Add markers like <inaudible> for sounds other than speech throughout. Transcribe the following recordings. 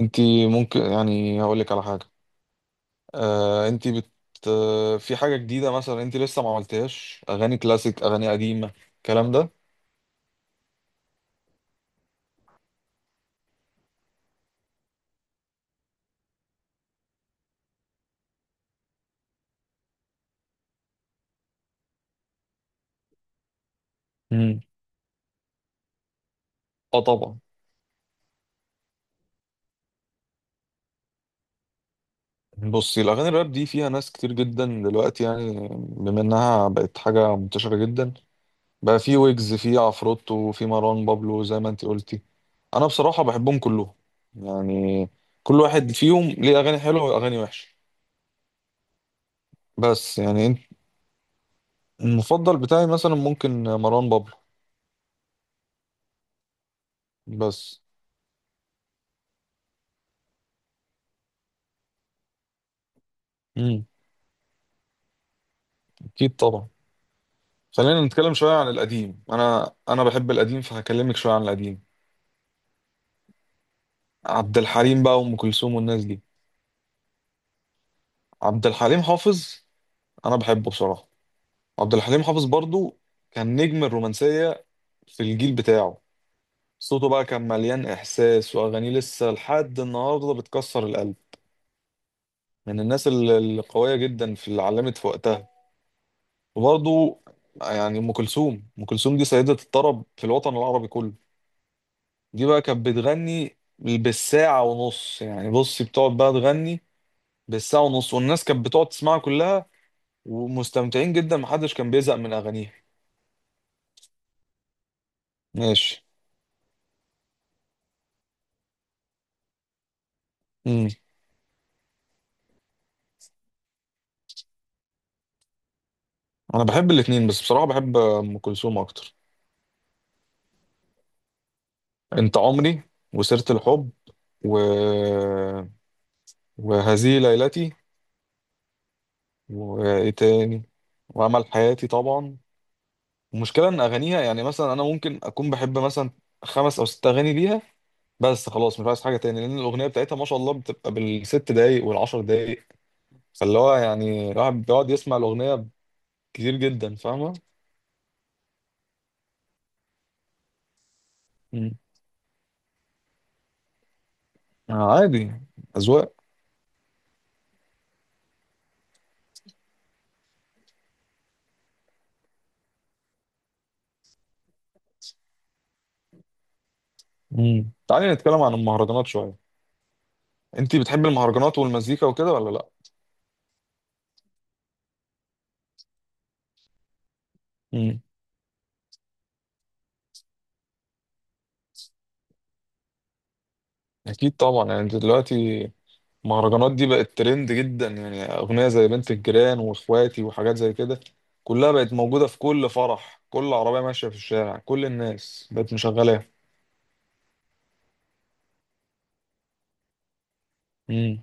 انت ممكن يعني هقول لك على حاجه. آه انت بت آه، في حاجه جديده مثلا انت لسه ما عملتهاش اغاني كلاسيك اغاني قديمه الكلام ده؟ امم. اه، طبعا. بصي، الاغاني الراب دي فيها ناس كتير جدا دلوقتي يعني بما انها بقت حاجه منتشره جدا. بقى في ويجز، في عفروتو، في مروان بابلو زي ما انت قلتي. انا بصراحه بحبهم كلهم يعني كل واحد فيهم ليه اغاني حلوه واغاني وحشه. بس يعني انت- المفضل بتاعي مثلا ممكن مروان بابلو بس. امم. اكيد طبعا. خلينا نتكلم شويه عن القديم. انا بحب القديم فهكلمك شويه عن القديم. عبد الحليم بقى وام كلثوم والناس دي. عبد الحليم حافظ انا بحبه بصراحه. عبد الحليم حافظ برضو كان نجم الرومانسيه في الجيل بتاعه. صوته بقى كان مليان احساس واغانيه لسه لحد النهارده بتكسر القلب. من الناس القويه جدا في اللي علمت في وقتها. وبرضو يعني ام كلثوم دي سيده الطرب في الوطن العربي كله. دي بقى كانت بتغني بالساعة ونص. يعني بصي، بتقعد بقى تغني بالساعة ونص والناس كانت بتقعد تسمعها كلها ومستمتعين جدا. محدش كان بيزهق من أغانيها. ماشي. مم. أنا بحب الاتنين بس بصراحة بحب أم كلثوم أكتر. أنت عمري، وسيرة الحب، و... وهذه ليلتي، وإيه تاني، وأمل حياتي طبعا. المشكلة إن أغانيها يعني مثلا أنا ممكن أكون بحب مثلا خمس أو ست أغاني ليها بس خلاص مش عايز حاجه تاني لان الاغنيه بتاعتها ما شاء الله بتبقى بالست دقايق والعشر دقايق. فاللي هو يعني الواحد بيقعد يسمع الاغنيه كتير جدا، فاهمه. مم. آه، عادي، اذواق. مم. تعالي نتكلم عن المهرجانات شويه. انت بتحبي المهرجانات والمزيكا وكده ولا لا؟ مم. اكيد طبعا. يعني انت دلوقتي المهرجانات دي بقت ترند جدا، يعني اغنيه زي بنت الجيران واخواتي وحاجات زي كده كلها بقت موجوده في كل فرح، كل عربيه ماشيه في الشارع، كل الناس بقت مشغلاها. مم.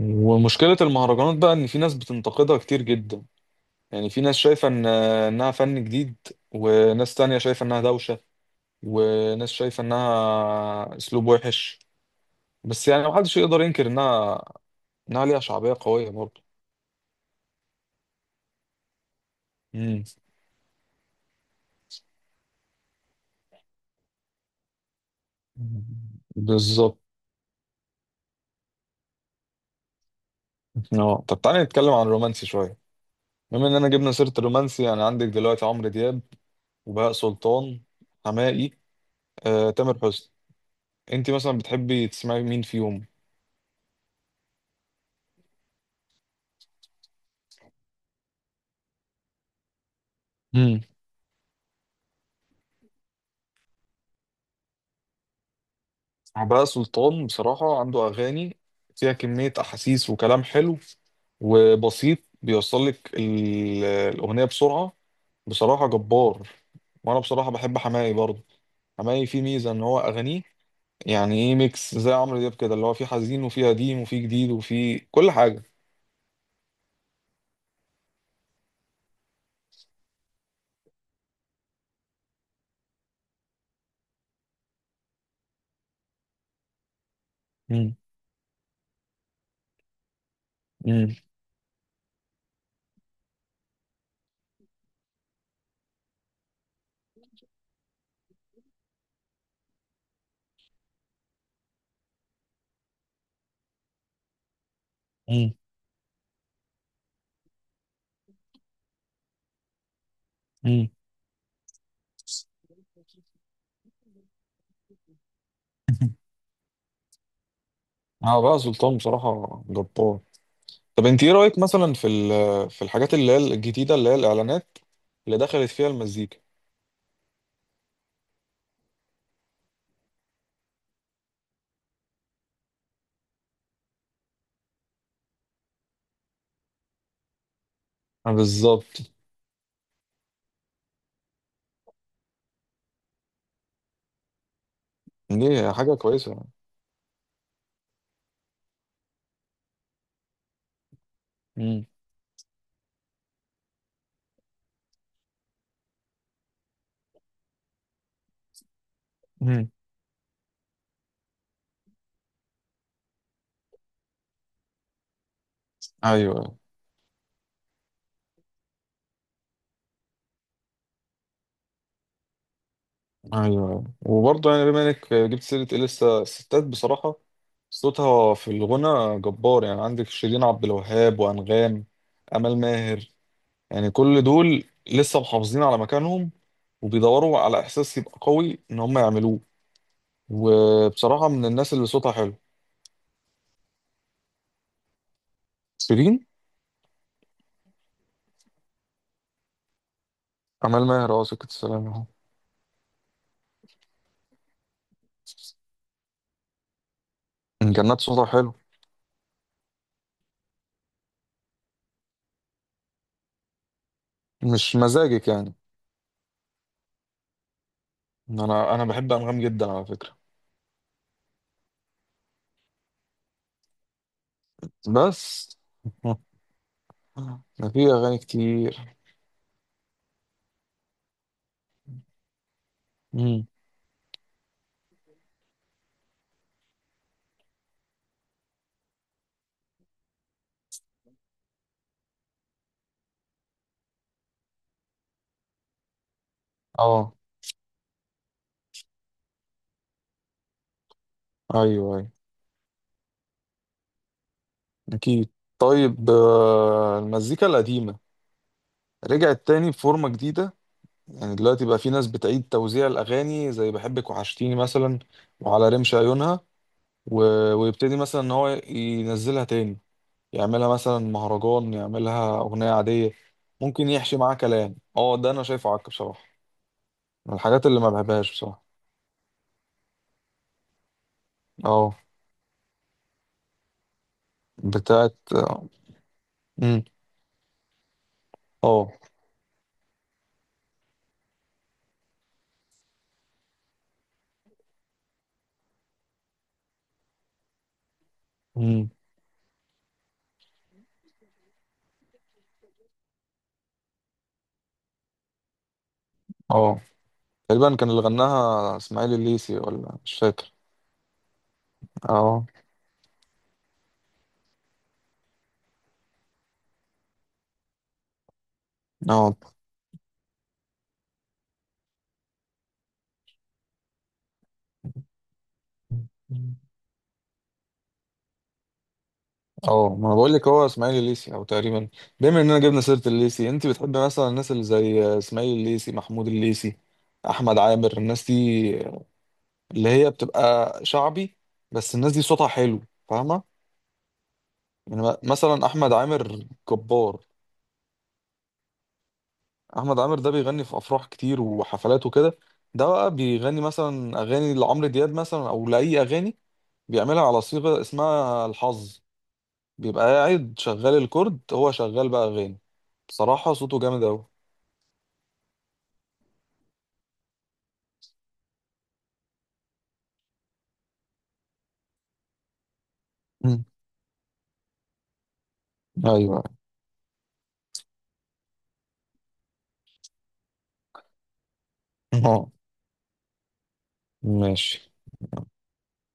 ومشكلة المهرجانات بقى إن في ناس بتنتقدها كتير جدا. يعني في ناس شايفة إن إنها فن جديد، وناس تانية شايفة إنها دوشة، وناس شايفة إنها أسلوب وحش. بس يعني محدش يقدر ينكر إنها، إنها ليها شعبية قوية برضه. امم. بالظبط. اه، طب تعالى نتكلم عن الرومانسي شوية. بما إننا جبنا سيرة الرومانسي، أنا عندك دلوقتي عمرو دياب، وبهاء سلطان، حماقي، تامر حسني. أنت مثلا بتحبي تسمعي مين فيهم؟ عباس سلطان بصراحة عنده أغاني فيها كمية أحاسيس وكلام حلو وبسيط. بيوصل لك الأغنية بسرعة. بصراحة جبار. وأنا بصراحة بحب حماقي برضه. حماقي فيه ميزة إن هو أغانيه يعني إيه ميكس زي عمرو دياب كده، اللي هو فيه حزين وفيه قديم وفيه جديد وفيه كل حاجة. مم. مم. مم. مم. <laughs> عباس سلطان بصراحة جبار. طب أنت إيه رأيك مثلا في الحاجات اللي هي الجديدة اللي هي الإعلانات اللي دخلت فيها المزيكا؟ بالظبط. دي حاجة كويسة يعني. مم. مم. أيوه، أيوه. وبرضه يعني بما إنك جبت سيرة إيه لسه الستات بصراحة صوتها في الغنى جبار. يعني عندك شيرين عبد الوهاب، وأنغام، أمال ماهر. يعني كل دول لسه محافظين على مكانهم وبيدوروا على إحساس يبقى قوي إن هم يعملوه. وبصراحة من الناس اللي صوتها حلو شيرين. أمال ماهر، أه، سكة السلام أهو. كان صوتها حلو. مش مزاجك يعني. انا بحب انغام جدا على فكره. بس. <laughs> ده في اغاني كتير. امم. اه. ايوه، ايوه، اكيد. طيب، المزيكا القديمه رجعت تاني بفورمه جديده. يعني دلوقتي بقى في ناس بتعيد توزيع الاغاني زي بحبك وحشتيني مثلا، وعلى رمش عيونها، و... ويبتدي مثلا ان هو ينزلها تاني. يعملها مثلا مهرجان، يعملها اغنيه عاديه، ممكن يحشي معاه كلام. اه، ده انا شايفه عك بصراحه. من الحاجات اللي ما بحبهاش بصراحه. اه. بتاعت. امم. اه. امم. اه. تقريبا كان اللي غناها اسماعيل الليسي ولا مش فاكر. اه، اه، اه، ما انا بقول لك هو اسماعيل الليسي او تقريبا. بما اننا جبنا سيره الليسي، انت بتحبي مثلا الناس اللي زي اسماعيل الليسي، محمود الليسي، احمد عامر، الناس دي اللي هي بتبقى شعبي؟ بس الناس دي صوتها حلو، فاهمه. يعني مثلا احمد عامر جبار. احمد عامر ده بيغني في افراح كتير وحفلات وكده. ده بقى بيغني مثلا اغاني لعمرو دياب مثلا او لاي اغاني بيعملها على صيغه اسمها الحظ. بيبقى قاعد شغال الكورد، هو شغال بقى اغاني. بصراحه صوته جامد اوي. مم. ايوه. <laughs> اه، ماشي.